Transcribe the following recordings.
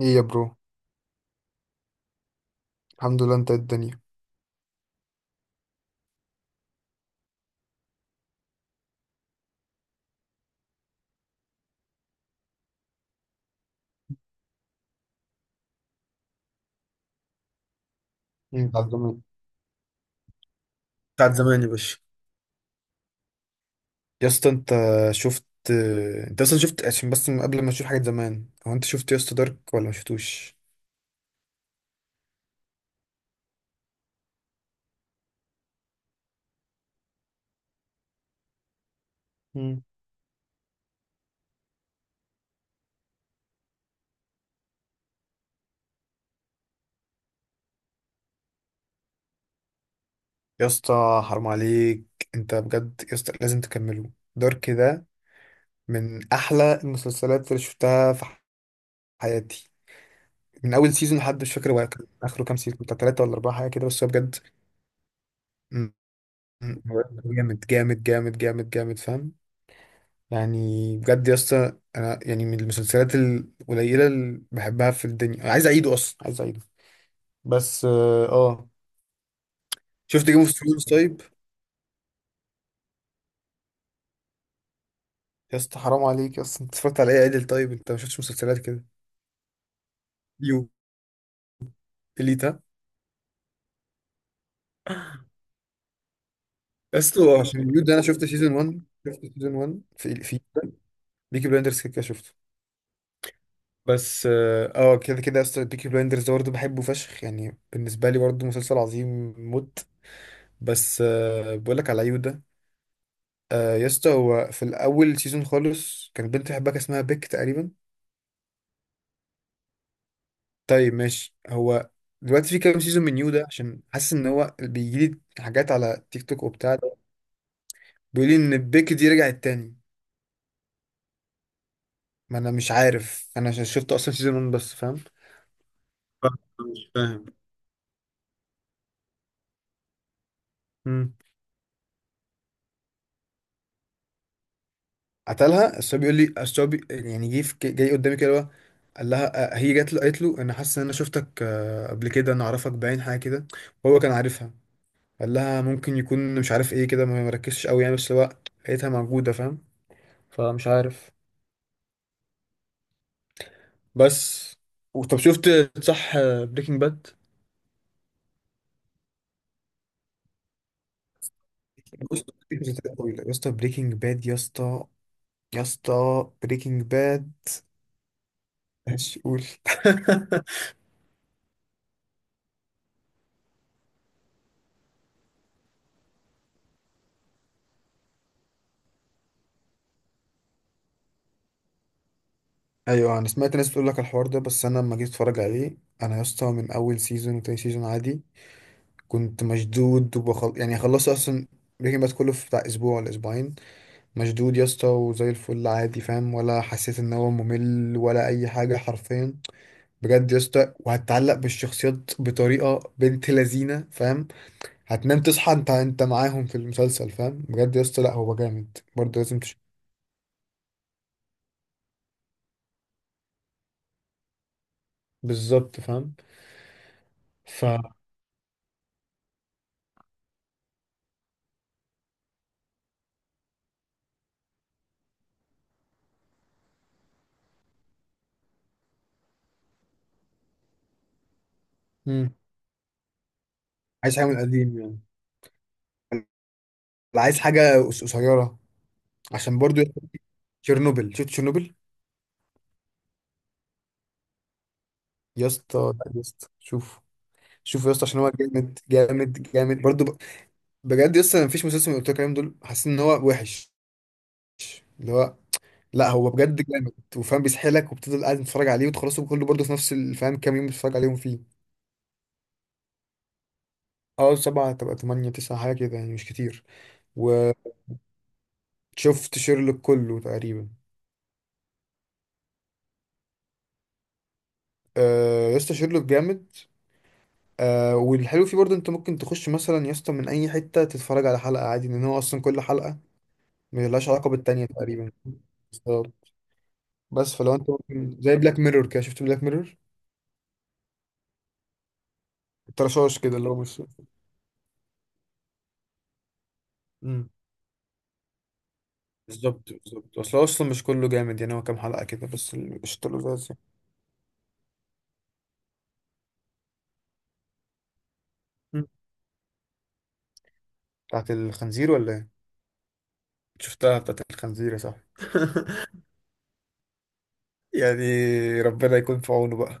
ايه يا برو. الحمد لله، انت إيه الدنيا؟ مم. بعد زمان، بتاعت زمان يا باشا. يا اسطى انت شفت، انت اصلا شفت؟ عشان بس من قبل ما تشوف حاجة زمان، هو انت شفت يا اسطى دارك ولا ما شفتوش؟ مم. يا اسطى حرام عليك، انت بجد يا اسطى لازم تكمله دارك ده، من احلى المسلسلات اللي شفتها في حياتي، من اول سيزون لحد مش فاكر هو كان اخره كام سيزون، بتاع ثلاثة ولا اربعة حاجة كده، بس هو بجد. مم. مم. جامد جامد جامد جامد جامد، فاهم يعني؟ بجد يا اسطى انا يعني من المسلسلات القليله اللي بحبها في الدنيا، عايز اعيده اصلا، عايز اعيده. بس اه آه. شفت جيم اوف ثرونز طيب؟ يا اسطى حرام عليك يا اسطى، انت اتفرجت على ايه عدل؟ طيب انت ما شفتش مسلسلات كده؟ يو، اليتا. يا اسطى عشان يو ده، انا شفت سيزون 1، شفت سيزون 1 في بيكي بلايندرز، كده كده شفته. بس اه آه، كده كده يا اسطى بيكي بلايندرز ده برضه بحبه فشخ، يعني بالنسبه لي برضه مسلسل عظيم موت. بس آه، بقول لك على يو ده. آه يا اسطى، هو في الاول سيزون خالص كان بنت حباك اسمها بيك تقريبا. طيب ماشي، هو دلوقتي في كام سيزون من يو ده؟ عشان حاسس ان هو بيجي لي حاجات على تيك توك وبتاع ده، بيقول لي ان بيك دي رجعت تاني. ما انا مش عارف، انا عشان شفت اصلا سيزون 1 بس، فاهم؟ فاهم، مش فاهم. امم قتلها، بس هو بيقول لي، بس هو جاي قدامي كده هو، قال لها آه، هي جات له قالت له انا حاسس ان انا شفتك آه، قبل كده انا اعرفك، باين حاجه كده. وهو كان عارفها. قال لها ممكن يكون مش عارف ايه كده، ما مركزش قوي يعني، بس هو لقيتها موجودة فاهم، فمش عارف. بس طب شفت، صح، بريكنج باد. بص، مسلسلات طويلة يا اسطى، بريكنج باد يا اسطى، يا اسطى بريكنج باد. ماشي قول. ايوه، انا سمعت ناس بتقول لك الحوار ده، بس انا لما جيت اتفرج عليه، انا يا اسطى من اول سيزون وتاني سيزون عادي كنت مشدود، يعني خلصت اصلا بريكنج باد كله في بتاع اسبوع ولا اسبوعين. مشدود يا اسطى وزي الفل عادي، فاهم؟ ولا حسيت ان هو ممل ولا اي حاجه حرفيا. بجد يا اسطى، وهتتعلق بالشخصيات بطريقه بنت لذينه فاهم، هتنام تصحى انت معاهم في المسلسل فاهم. بجد يا اسطى، لا هو جامد برضه، لازم بالظبط فاهم. ف مم. عايز حاجه من القديم يعني. لا، عايز حاجه قصيره. عشان برضه يا اسطى، تشيرنوبل، شفت تشيرنوبل؟ يا اسطى لا يا اسطى شوف، شوف يا اسطى عشان هو جامد جامد جامد برضه. بجد لسه انا مفيش مسلسل من اللي قلت لك عليهم دول حاسس ان هو وحش، اللي هو، لا هو بجد جامد وفاهم، بيسحلك وبتفضل قاعد تتفرج عليه وتخلصه كله برضه في نفس الفهم، كام يوم بتتفرج عليهم فيه. اه، سبعة تبقى تمانية تسعة حاجة كده، يعني مش كتير. وشفت شيرلوك كله تقريبا. آه يا اسطى شيرلوك جامد. آه، والحلو فيه برضه انت ممكن تخش مثلا يا اسطى من اي حتة تتفرج على حلقة عادي، لان هو اصلا كل حلقة ملهاش علاقة بالتانية تقريبا. بس فلو انت ممكن زي بلاك ميرور كده، شفت بلاك ميرور؟ الترشاش كده اللي هو مش. مم. بالظبط بالظبط، اصل هو اصلا مش كله جامد يعني، هو كام حلقة كده بس اللي قشطله لذيذ يعني. مم. بتاعت الخنزير ولا ايه؟ شفتها بتاعت الخنزير يا صاحبي. يعني ربنا يكون في عونه بقى.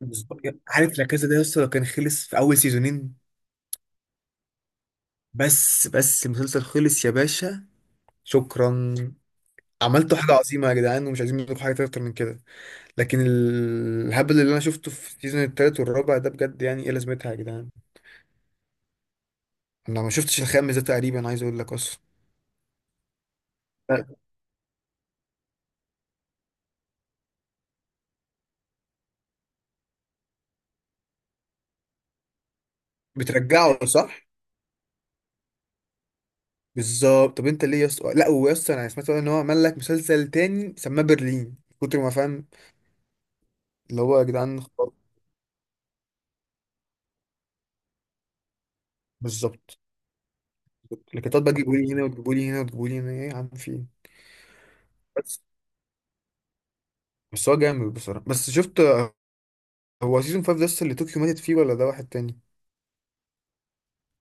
بالظبط. عارف لا كذا ده يا اسطى، لو كان خلص في اول سيزونين بس بس، المسلسل خلص يا باشا، شكرا، عملتوا حاجة عظيمة يا جدعان ومش عايزين منكم حاجة أكتر من كده. لكن الهبل اللي أنا شفته في السيزون التالت والرابع ده، بجد يعني إيه لازمتها يا جدعان؟ أنا ما شفتش الخامس ده تقريبا، عايز أقول لك أصلا. بترجعه صح؟ بالظبط. طب انت ليه يا اسطى؟ لا ويا اسطى انا سمعت ان هو عمل لك مسلسل تاني سماه برلين، كتر ما فاهم اللي هو، يا جدعان خلاص. بالظبط. لكن بقى تجيبوا لي هنا وتجيبوا لي هنا وتجيبوا لي هنا، ايه يا عم في ايه؟ بس بس هو جامد بصراحه. بس شفت، هو سيزون 5 ده لسه اللي طوكيو ماتت فيه ولا ده واحد تاني؟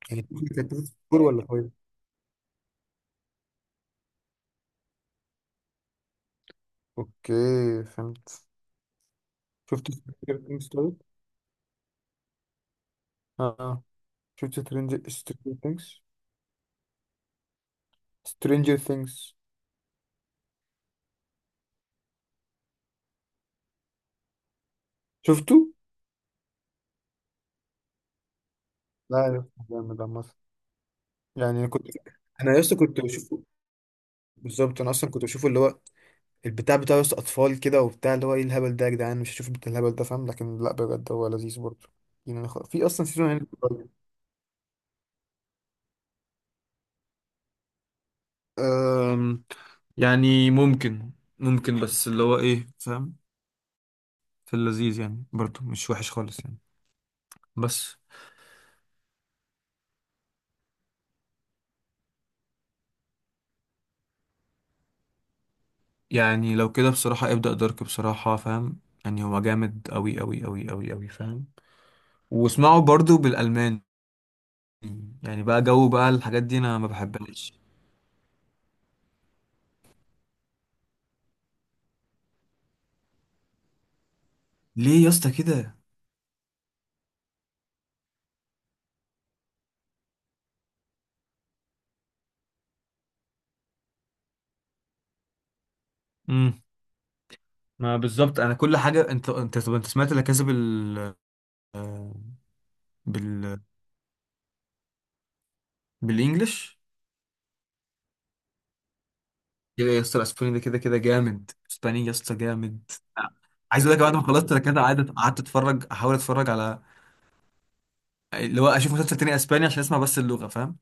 يعني طوكيو كانت ماتت في فور ولا فايف؟ اوكي، فهمت. شفت سترينجر ثينجز طيب؟ اه آه. شفت سترينجر ثينجز، سترينجر ثينجز، شفته؟ لا يا اسطى جامد عامة. يعني انا كنت، انا لسه كنت بشوف. بالظبط انا اصلا كنت بشوفه، اللي هو البتاع بتاعه، بس اطفال كده وبتاع، اللي هو ايه الهبل ده يا جدعان مش هشوف بتاع الهبل ده فاهم. لكن لا بجد هو لذيذ برضه. يعني أنا في اصلا سيزون يعني قريب. أم، يعني ممكن، ممكن، بس اللي هو ايه فاهم، في اللذيذ يعني برضو مش وحش خالص يعني. بس يعني لو كده بصراحة، ابدأ دارك بصراحة فاهم، يعني هو جامد أوي أوي أوي أوي أوي فاهم، واسمعه برضو بالألماني. يعني بقى جو بقى الحاجات دي أنا ما بحبهاش. ليه يا اسطى كده؟ ما بالظبط انا كل حاجه، انت طب انت سمعت لا كاسا بال بالانجلش؟ يا اسطى الاسباني ده كده كده جامد، اسباني يا اسطى جامد. عايز اقول لك، بعد ما خلصت لا كاسا قعدت اتفرج، احاول اتفرج على اللي هو، اشوف مسلسل تاني اسباني عشان اسمع بس اللغه فاهم.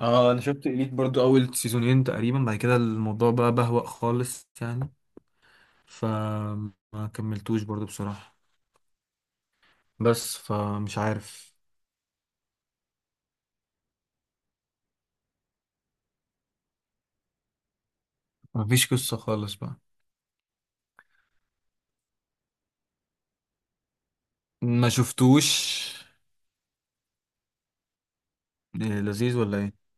اه انا شفت اليت برضو اول سيزونين تقريبا، بعد كده الموضوع بقى بهوأ خالص يعني، فما كملتوش برضو بصراحه، بس فمش عارف. مفيش قصه خالص بقى. ما شفتوش. إيه، لذيذ ولا ايه؟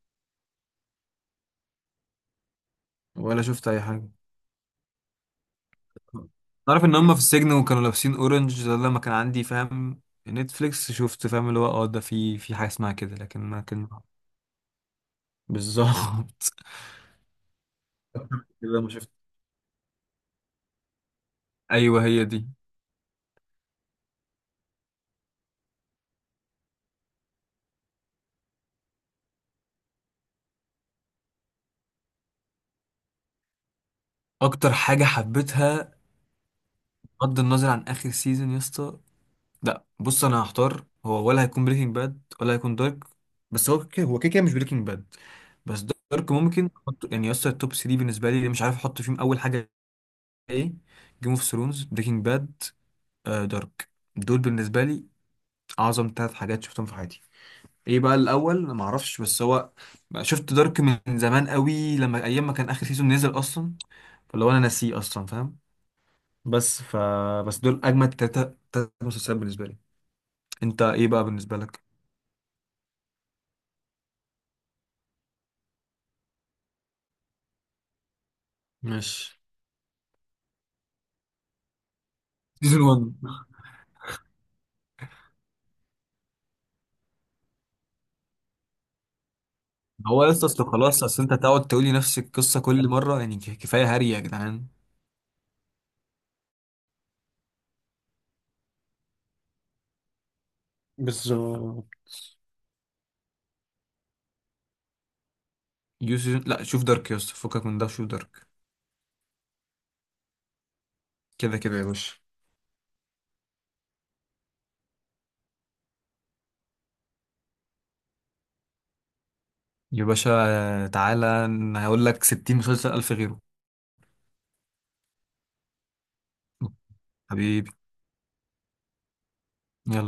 ولا شفت اي حاجه. تعرف ان هم في السجن وكانوا لابسين اورنج ده لما كان عندي فاهم نتفليكس، شفت فاهم اللي هو، اه ده في حاجه اسمها كده، لكن ما كان بالظبط. كده ما شفت. ايوه هي دي. اكتر حاجه حبيتها بغض النظر عن اخر سيزون يا اسطى، لا بص، انا هختار هو، ولا هيكون بريكنج باد ولا هيكون دارك. بس هو كده، هو كده كده مش بريكنج باد، بس دارك ممكن يعني يا اسطى، التوب 3 بالنسبه لي مش عارف احط فيهم اول حاجه ايه، جيم اوف ثرونز، بريكنج باد، دارك، دول بالنسبه لي اعظم ثلاث حاجات شفتهم في حياتي. ايه بقى الاول ما اعرفش، بس هو شفت دارك من زمان قوي، لما ايام ما كان اخر سيزون نزل اصلا، فلو انا ناسيه اصلا فاهم، بس ف، بس دول اجمد ثلاثه، ثلاث مسلسلات بالنسبه لي. انت ايه بقى بالنسبه لك؟ ماشي، سيزون 1. هو لسه اصل خلاص، اصل انت تقعد تقولي نفس القصه كل مره، يعني كفايه هري يا جدعان. بالظبط. يو سيزون، لا شوف دارك يا اسطى، فكك من ده شوف دارك، كده كده يا باشا. يا باشا تعالى، أنا هقول لك 60 مسلسل ألف غيره. حبيبي، يلا.